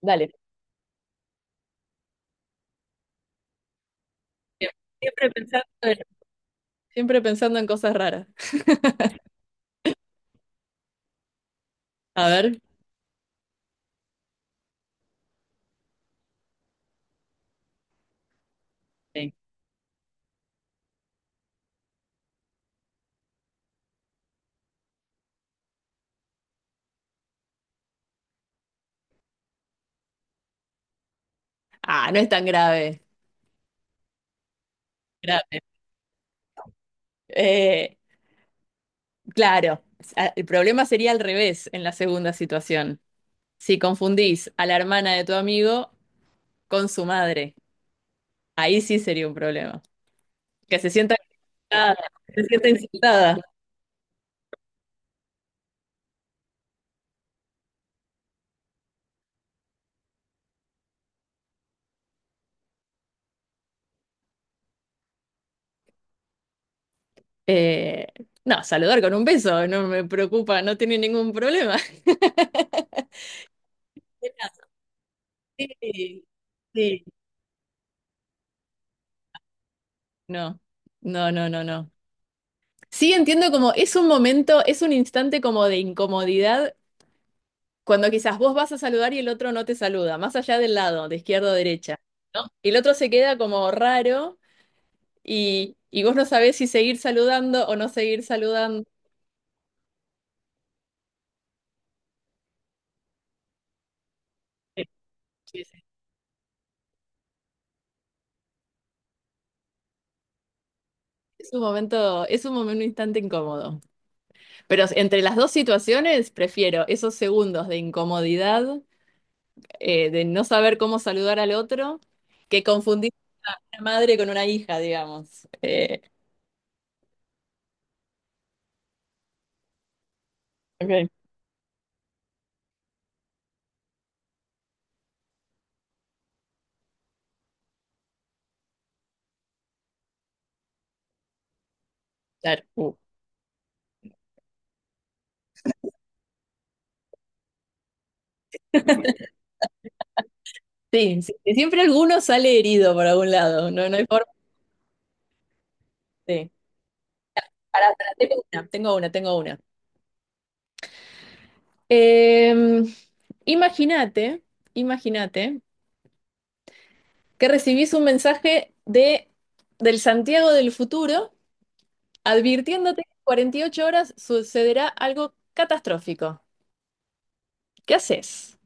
Dale. Siempre pensando en, siempre pensando en cosas raras. A ver. Sí. Ah, no es tan grave. Grave. Eh, claro, el problema sería al revés en la segunda situación. Si confundís a la hermana de tu amigo con su madre, ahí sí sería un problema. Que se sienta insultada. Se sienta insultada. Eh, no, saludar con un beso, no me preocupa, no tiene ningún problema. Sí, sí. No, no, no, no, no. Sí, entiendo como es un momento, es un instante como de incomodidad cuando quizás vos vas a saludar y el otro no te saluda, más allá del lado, de izquierda o derecha, ¿no? Y el otro se queda como raro y vos no sabés si seguir saludando o no seguir saludando. Sí, sí. Sí. Es un momento, un instante incómodo. Pero entre las dos situaciones, prefiero esos segundos de incomodidad, de no saber cómo saludar al otro, que confundir una madre con una hija, digamos. Ok. Claro. Sí, sí, sí, siempre alguno sale herido por algún lado, no, no hay forma. Sí. Pará, pará, tengo una, tengo una, tengo una. Em, imagínate, imagínate que recibís un mensaje de, del Santiago del futuro advirtiéndote que en 48 horas sucederá algo catastrófico. ¿Qué haces?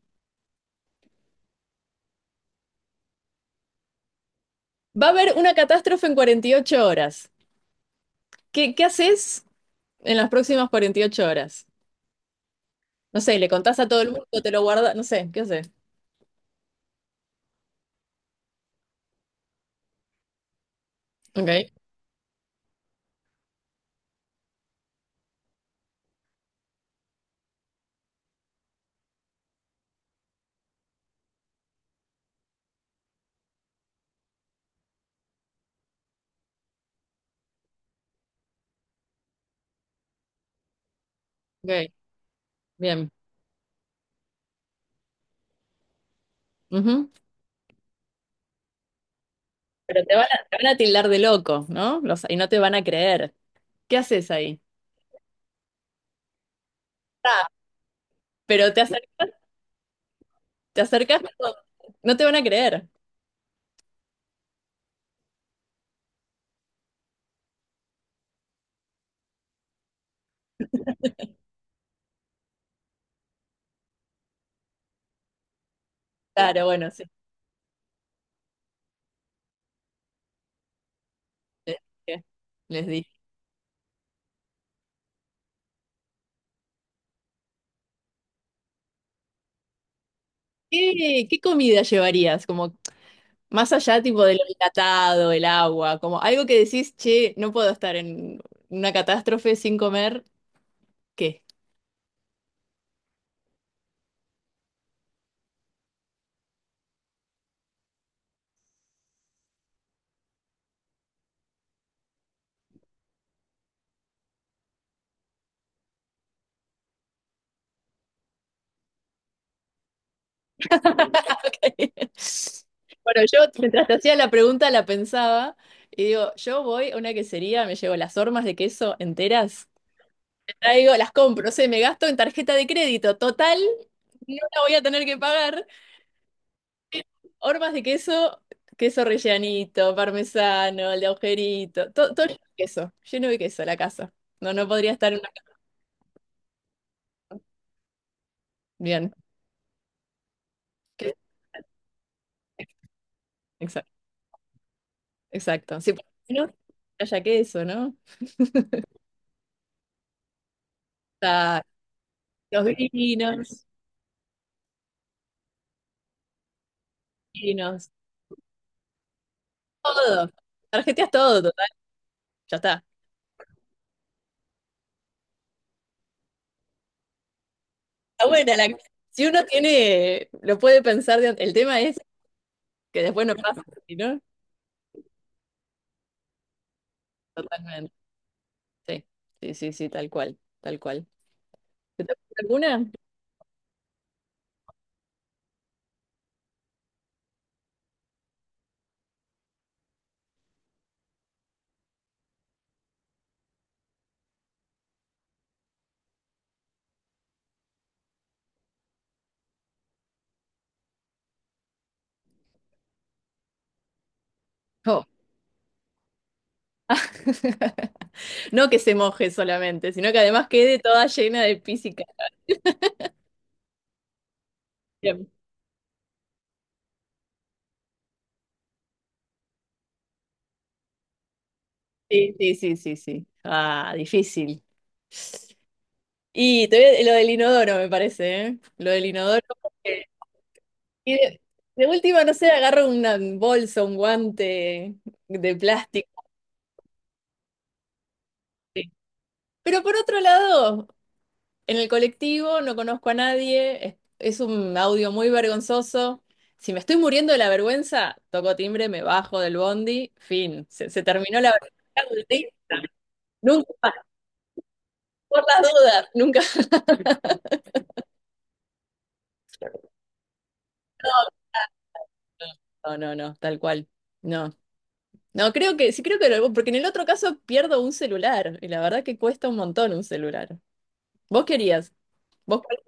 Va a haber una catástrofe en 48 horas. ¿Qué haces en las próximas 48 horas? No sé, le contás a todo el mundo, te lo guardas, no sé, ¿qué haces? Ok. Ok, bien. Ujú. Pero te van a te van a tildar de loco, ¿no? Y no te van a creer. ¿Qué haces ahí? Ah, pero te, te acercas, pero no te van a creer. Claro, bueno, sí. Les dije. Les dije. ¿Qué, qué comida llevarías? Como más allá tipo de lo enlatado, el agua, como algo que decís, che, no puedo estar en una catástrofe sin comer, ¿qué? Bueno, yo mientras te hacía la pregunta la pensaba y digo, yo voy a una quesería, me llevo las hormas de queso enteras, traigo, las compro, sé, me gasto en tarjeta de crédito, total, no la voy a tener que pagar. Hormas de queso, queso rellanito, parmesano, el de agujerito, todo, todo lleno de queso la casa. No, no podría estar en una casa. Bien, exacto, exacto. Sí, por lo menos que haya queso, ¿no? Está los vinos, vinos. Todo. Tarjeteas todo, total. Ya está. Está buena la. Si uno tiene, lo puede pensar. El tema es que después no pasa, ¿sí, ¿no? Totalmente. Sí, sí, sí, sí, tal cual, tal cual. ¿Te toca alguna? Oh. No que se moje solamente, sino que además quede toda llena de pis y caca. Bien. Sí, sí, sí, sí, sí. Ah, difícil. Y te lo del inodoro, me parece, ¿eh? Lo del inodoro. Y de última, no sé, agarro un bolso, un guante de plástico. Sí. Pero por otro lado, en el colectivo no conozco a nadie, es un audio muy vergonzoso. Si me estoy muriendo de la vergüenza, toco timbre, me bajo del bondi, fin, se terminó la vergüenza. ¿Sí? Nunca más, por las dudas, nunca. No, no, no, tal cual. No. No, creo que, sí creo que lo, porque en el otro caso pierdo un celular, y la verdad que cuesta un montón un celular. ¿Vos querías? Vos podés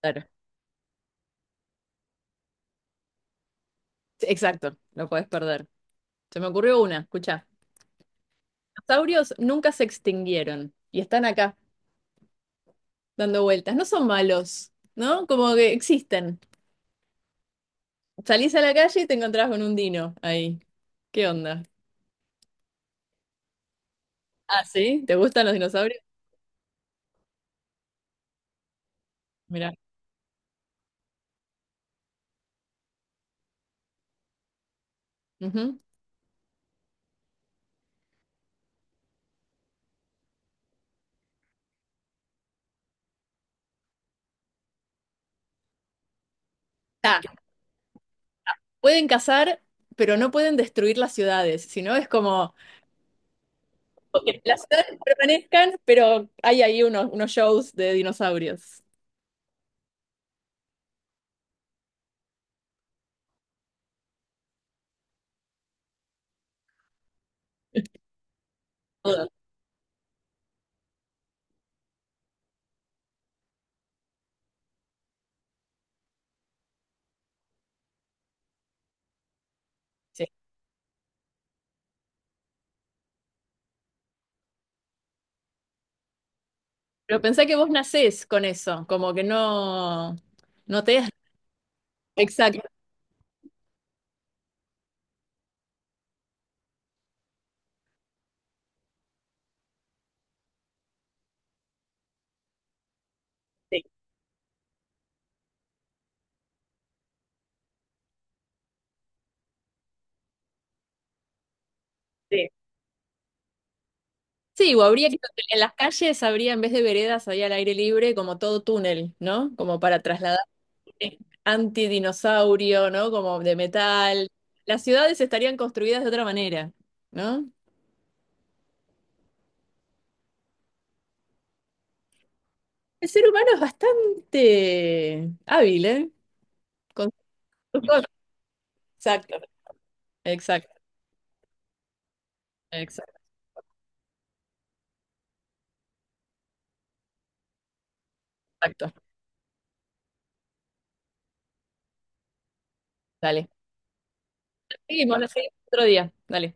perder. Sí, exacto, lo podés perder. Se me ocurrió una, escucha. Los dinosaurios nunca se extinguieron y están acá dando vueltas. No son malos, ¿no? Como que existen. Salís a la calle y te encontrás con un dino ahí. ¿Qué onda? Ah, ¿sí? ¿Te gustan los dinosaurios? Mirá. Ujú. Ah, pueden cazar, pero no pueden destruir las ciudades. Sino es como que las ciudades permanezcan, pero hay ahí unos, unos shows de dinosaurios. Todo. Pero pensé que vos nacés con eso, como que no, no te das. Exacto. Sí, sí. Sí, o habría que en las calles habría, en vez de veredas, había al aire libre como todo túnel, ¿no? Como para trasladar antidinosaurio, ¿no? Como de metal. Las ciudades estarían construidas de otra manera, ¿no? El ser humano es bastante hábil, ¿eh? Con sus cosas. Exacto, exacto, exacto, exacto. Dale. Seguimos, lo seguimos otro día. Dale.